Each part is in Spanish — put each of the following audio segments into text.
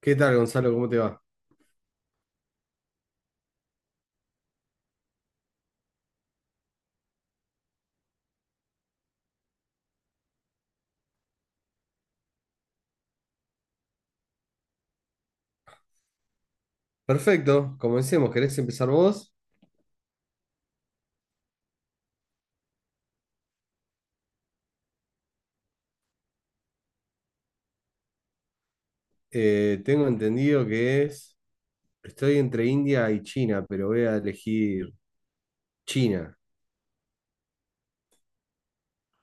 ¿Qué tal, Gonzalo? ¿Cómo te va? Perfecto, comencemos. ¿Querés empezar vos? Tengo entendido que es. Estoy entre India y China, pero voy a elegir China.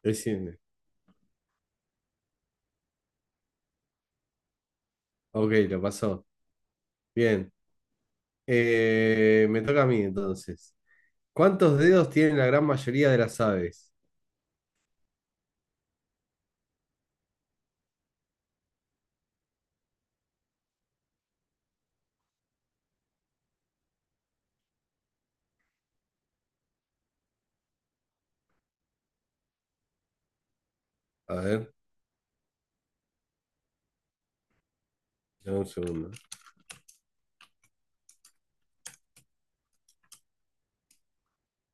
Es India. Ok, lo pasó. Bien. Me toca a mí entonces. ¿Cuántos dedos tienen la gran mayoría de las aves? A ver, dame un segundo.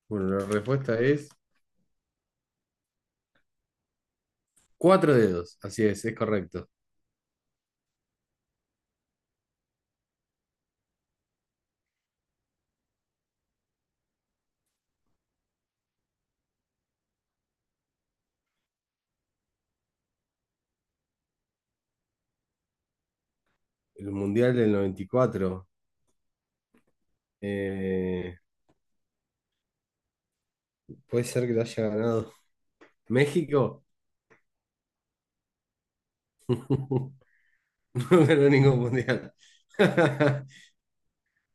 Bueno, la respuesta es cuatro dedos. Así es correcto. El Mundial del 94. Eh, puede ser que lo haya ganado México. No ganó ningún mundial.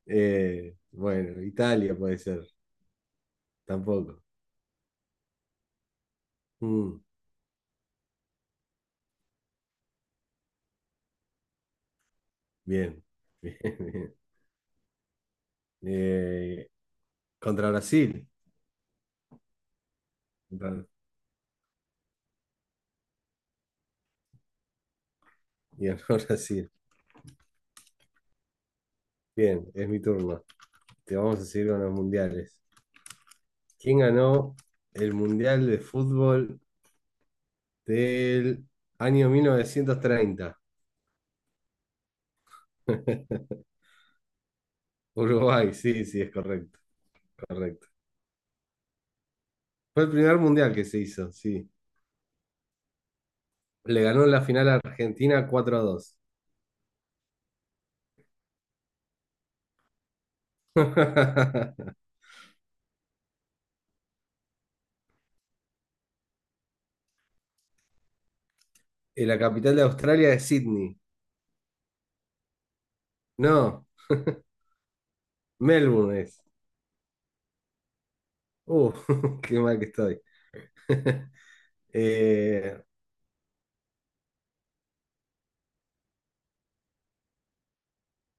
Bueno, Italia puede ser, tampoco. Mm, bien, bien, bien. Eh, contra Brasil. Contra- y ganó Brasil. Bien, es mi turno. Te vamos a seguir con los mundiales. ¿Quién ganó el mundial de fútbol del año 1930? Uruguay, sí, sí, es correcto, correcto. Fue el primer mundial que se hizo, sí. Le ganó en la final a Argentina cuatro a 2. Y la capital de Australia es Sydney. No, Melbourne es. Uh, qué mal que estoy. Eh,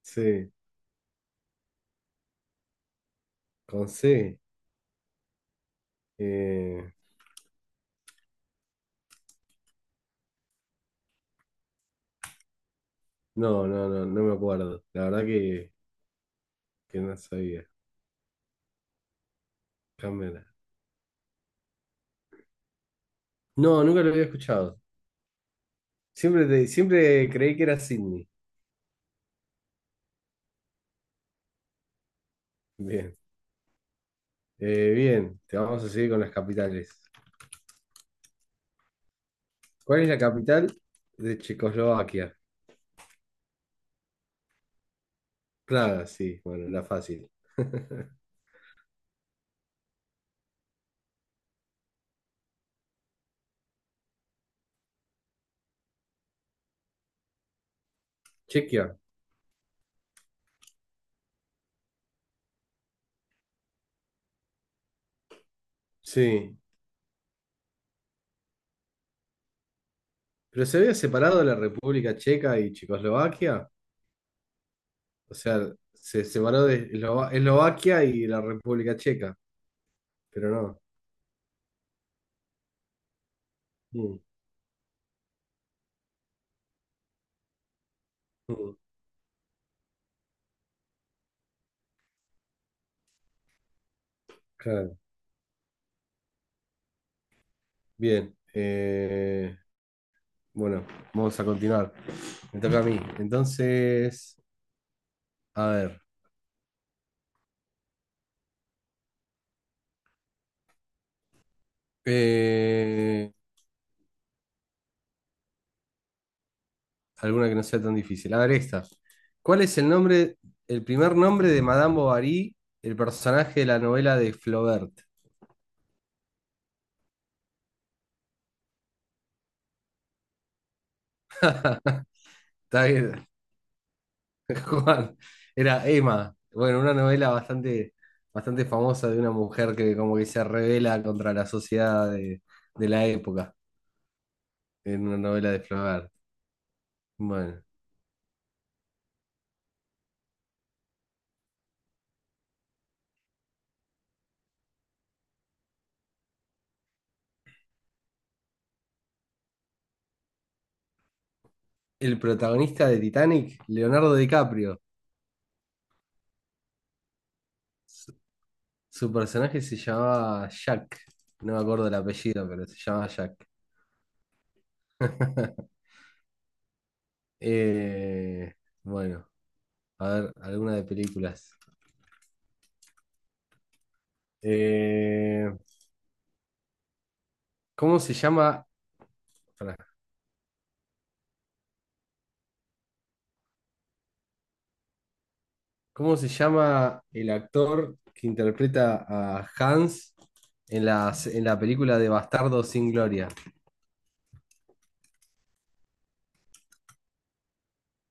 sí, con C. Eh, no, no, no, no me acuerdo. La verdad que no sabía. Cámara. No, nunca lo había escuchado. Siempre, siempre creí que era Sydney. Bien. Bien, te vamos a seguir con las capitales. ¿Cuál es la capital de Checoslovaquia? Praga, sí, bueno, la fácil. Chequia. Sí, pero se había separado de la República Checa y Checoslovaquia. O sea, se separó de Eslovaquia y la República Checa. Pero no. Mm, mm, claro. Bien. Bueno, vamos a continuar. Me toca a mí. Entonces, a ver, eh, alguna que no sea tan difícil. A ver, esta. ¿Cuál es el nombre, el primer nombre de Madame Bovary, el personaje de la novela de Flaubert? Está bien. Juan, era Emma. Bueno, una novela bastante, bastante famosa de una mujer que como que se revela contra la sociedad de la época, en una novela de Flaubert. Bueno, el protagonista de Titanic, Leonardo DiCaprio. Su personaje se llamaba Jack. No me acuerdo el apellido, pero se llamaba Jack. Eh, bueno, a ver, alguna de películas. Eh, ¿cómo se llama? pará, ¿Cómo se llama el actor que interpreta a Hans en la película de Bastardo sin Gloria?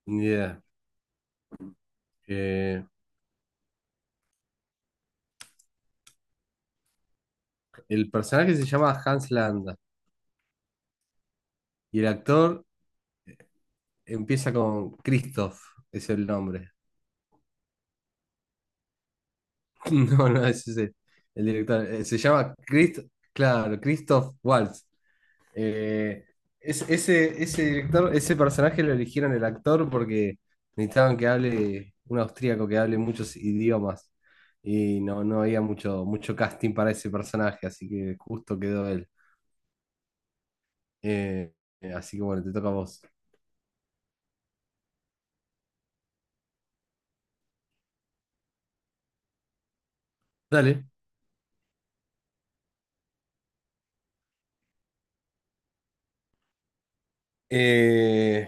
Ni idea. Eh, el personaje se llama Hans Landa y el actor empieza con Christoph, es el nombre. No, no, ese es el director. Claro, Christoph Waltz. Eh, ese personaje lo eligieron el actor porque necesitaban que hable un austríaco que hable muchos idiomas y no, no había mucho, mucho casting para ese personaje, así que justo quedó él. Eh, así que bueno, te toca a vos. Dale. Eh,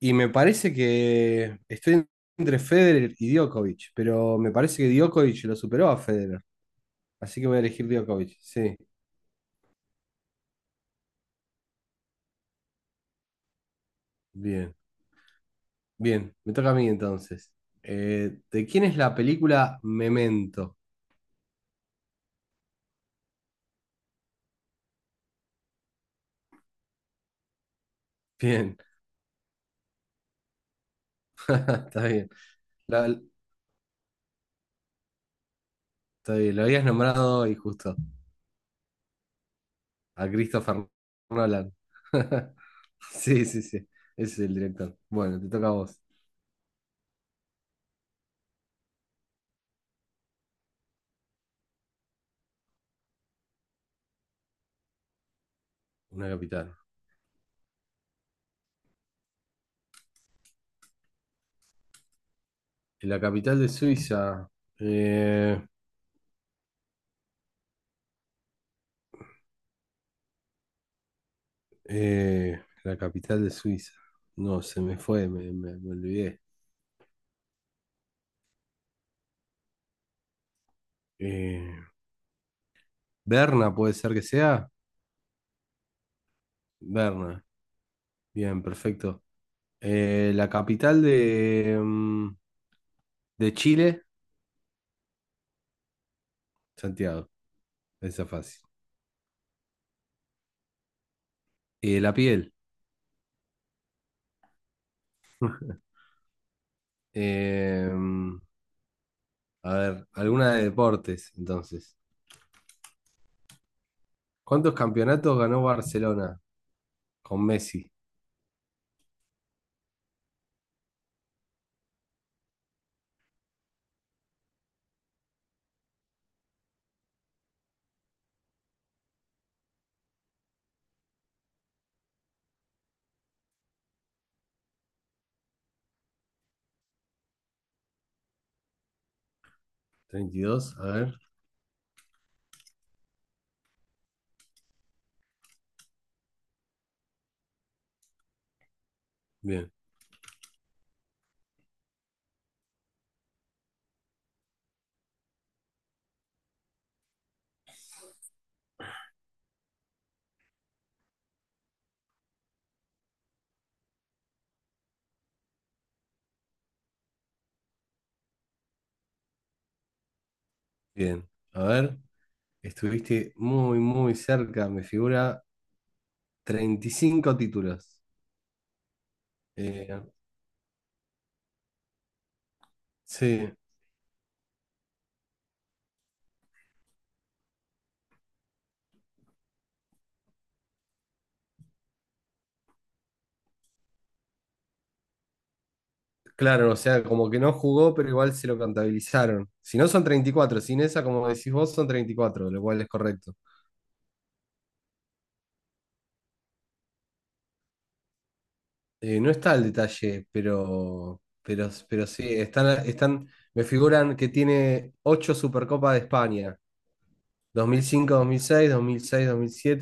y me parece que estoy entre Federer y Djokovic, pero me parece que Djokovic lo superó a Federer, así que voy a elegir Djokovic. Sí, bien. Bien, me toca a mí entonces. ¿De quién es la película Memento? Bien, está bien. La- está bien, lo habías nombrado y justo a Christopher Nolan. Sí, sí, sí, ese es el director. Bueno, te toca a vos. Una capital. La capital de Suiza. eh, la capital de Suiza. No, se me fue, me olvidé. Eh, Berna puede ser que sea. Berna. Bien, perfecto. La capital de, de Chile, Santiago, esa fácil. La piel. Eh, mm, a ver, alguna de deportes, entonces. ¿Cuántos campeonatos ganó Barcelona con Messi? 32, a ver. Bien, bien. A ver, estuviste muy, muy cerca, me figura 35 títulos. Eh, sí, claro, o sea, como que no jugó, pero igual se lo contabilizaron. Si no son 34, sin esa, como decís vos, son 34, lo cual es correcto. No está el detalle, pero sí, me figuran que tiene 8 Supercopa de España, dos dos dos dos dos dos dos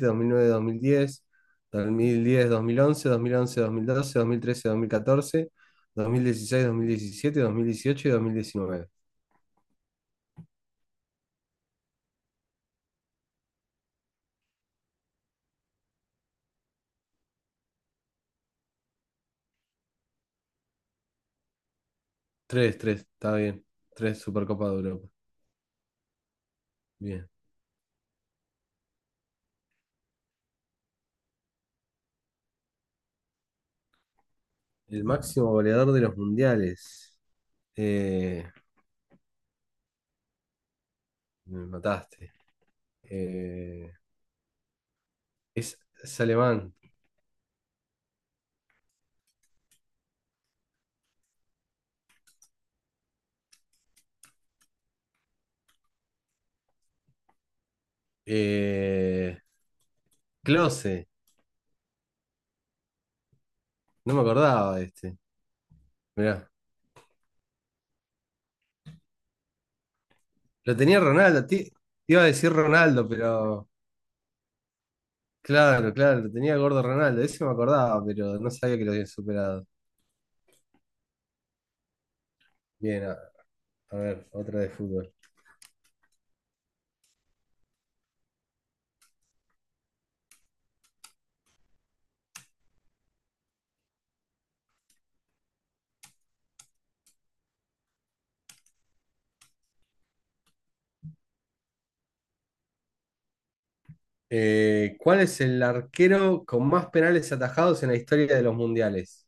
dos dos dos mil mil mil mil mil mil mil cinco, seis, seis, siete, nueve, diez, diez, once, 2011, 2012, 2013, 2014, 2016, 2017, 2018 y 2019. Tres, tres, está bien. 3 Supercopa de Europa. Bien. El máximo goleador de los mundiales. Eh, me mataste. Eh, es, es alemán. Eh, Klose. No me acordaba de este. Mirá. Lo tenía Ronaldo. Te iba a decir Ronaldo, pero. Claro, claro, lo tenía gordo Ronaldo. Ese me acordaba, pero no sabía que lo habían superado. Bien, a ver, otra de fútbol. ¿Cuál es el arquero con más penales atajados en la historia de los mundiales?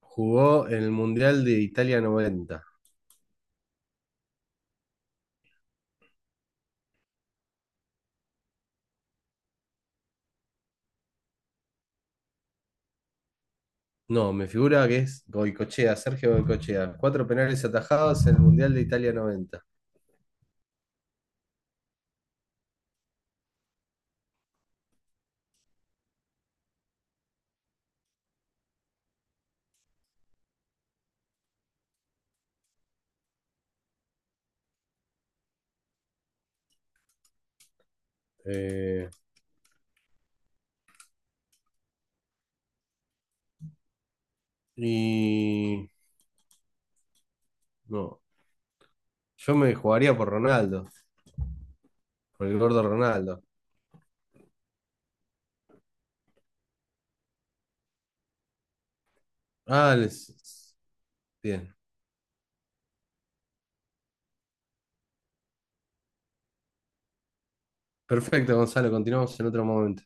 Jugó en el Mundial de Italia 90. No, me figura que es Goicochea, Sergio Goicochea. Cuatro penales atajados en el Mundial de Italia noventa. Eh, y no, yo me jugaría por Ronaldo, por el gordo Ronaldo. Ah, les- bien. Perfecto, Gonzalo, continuamos en otro momento.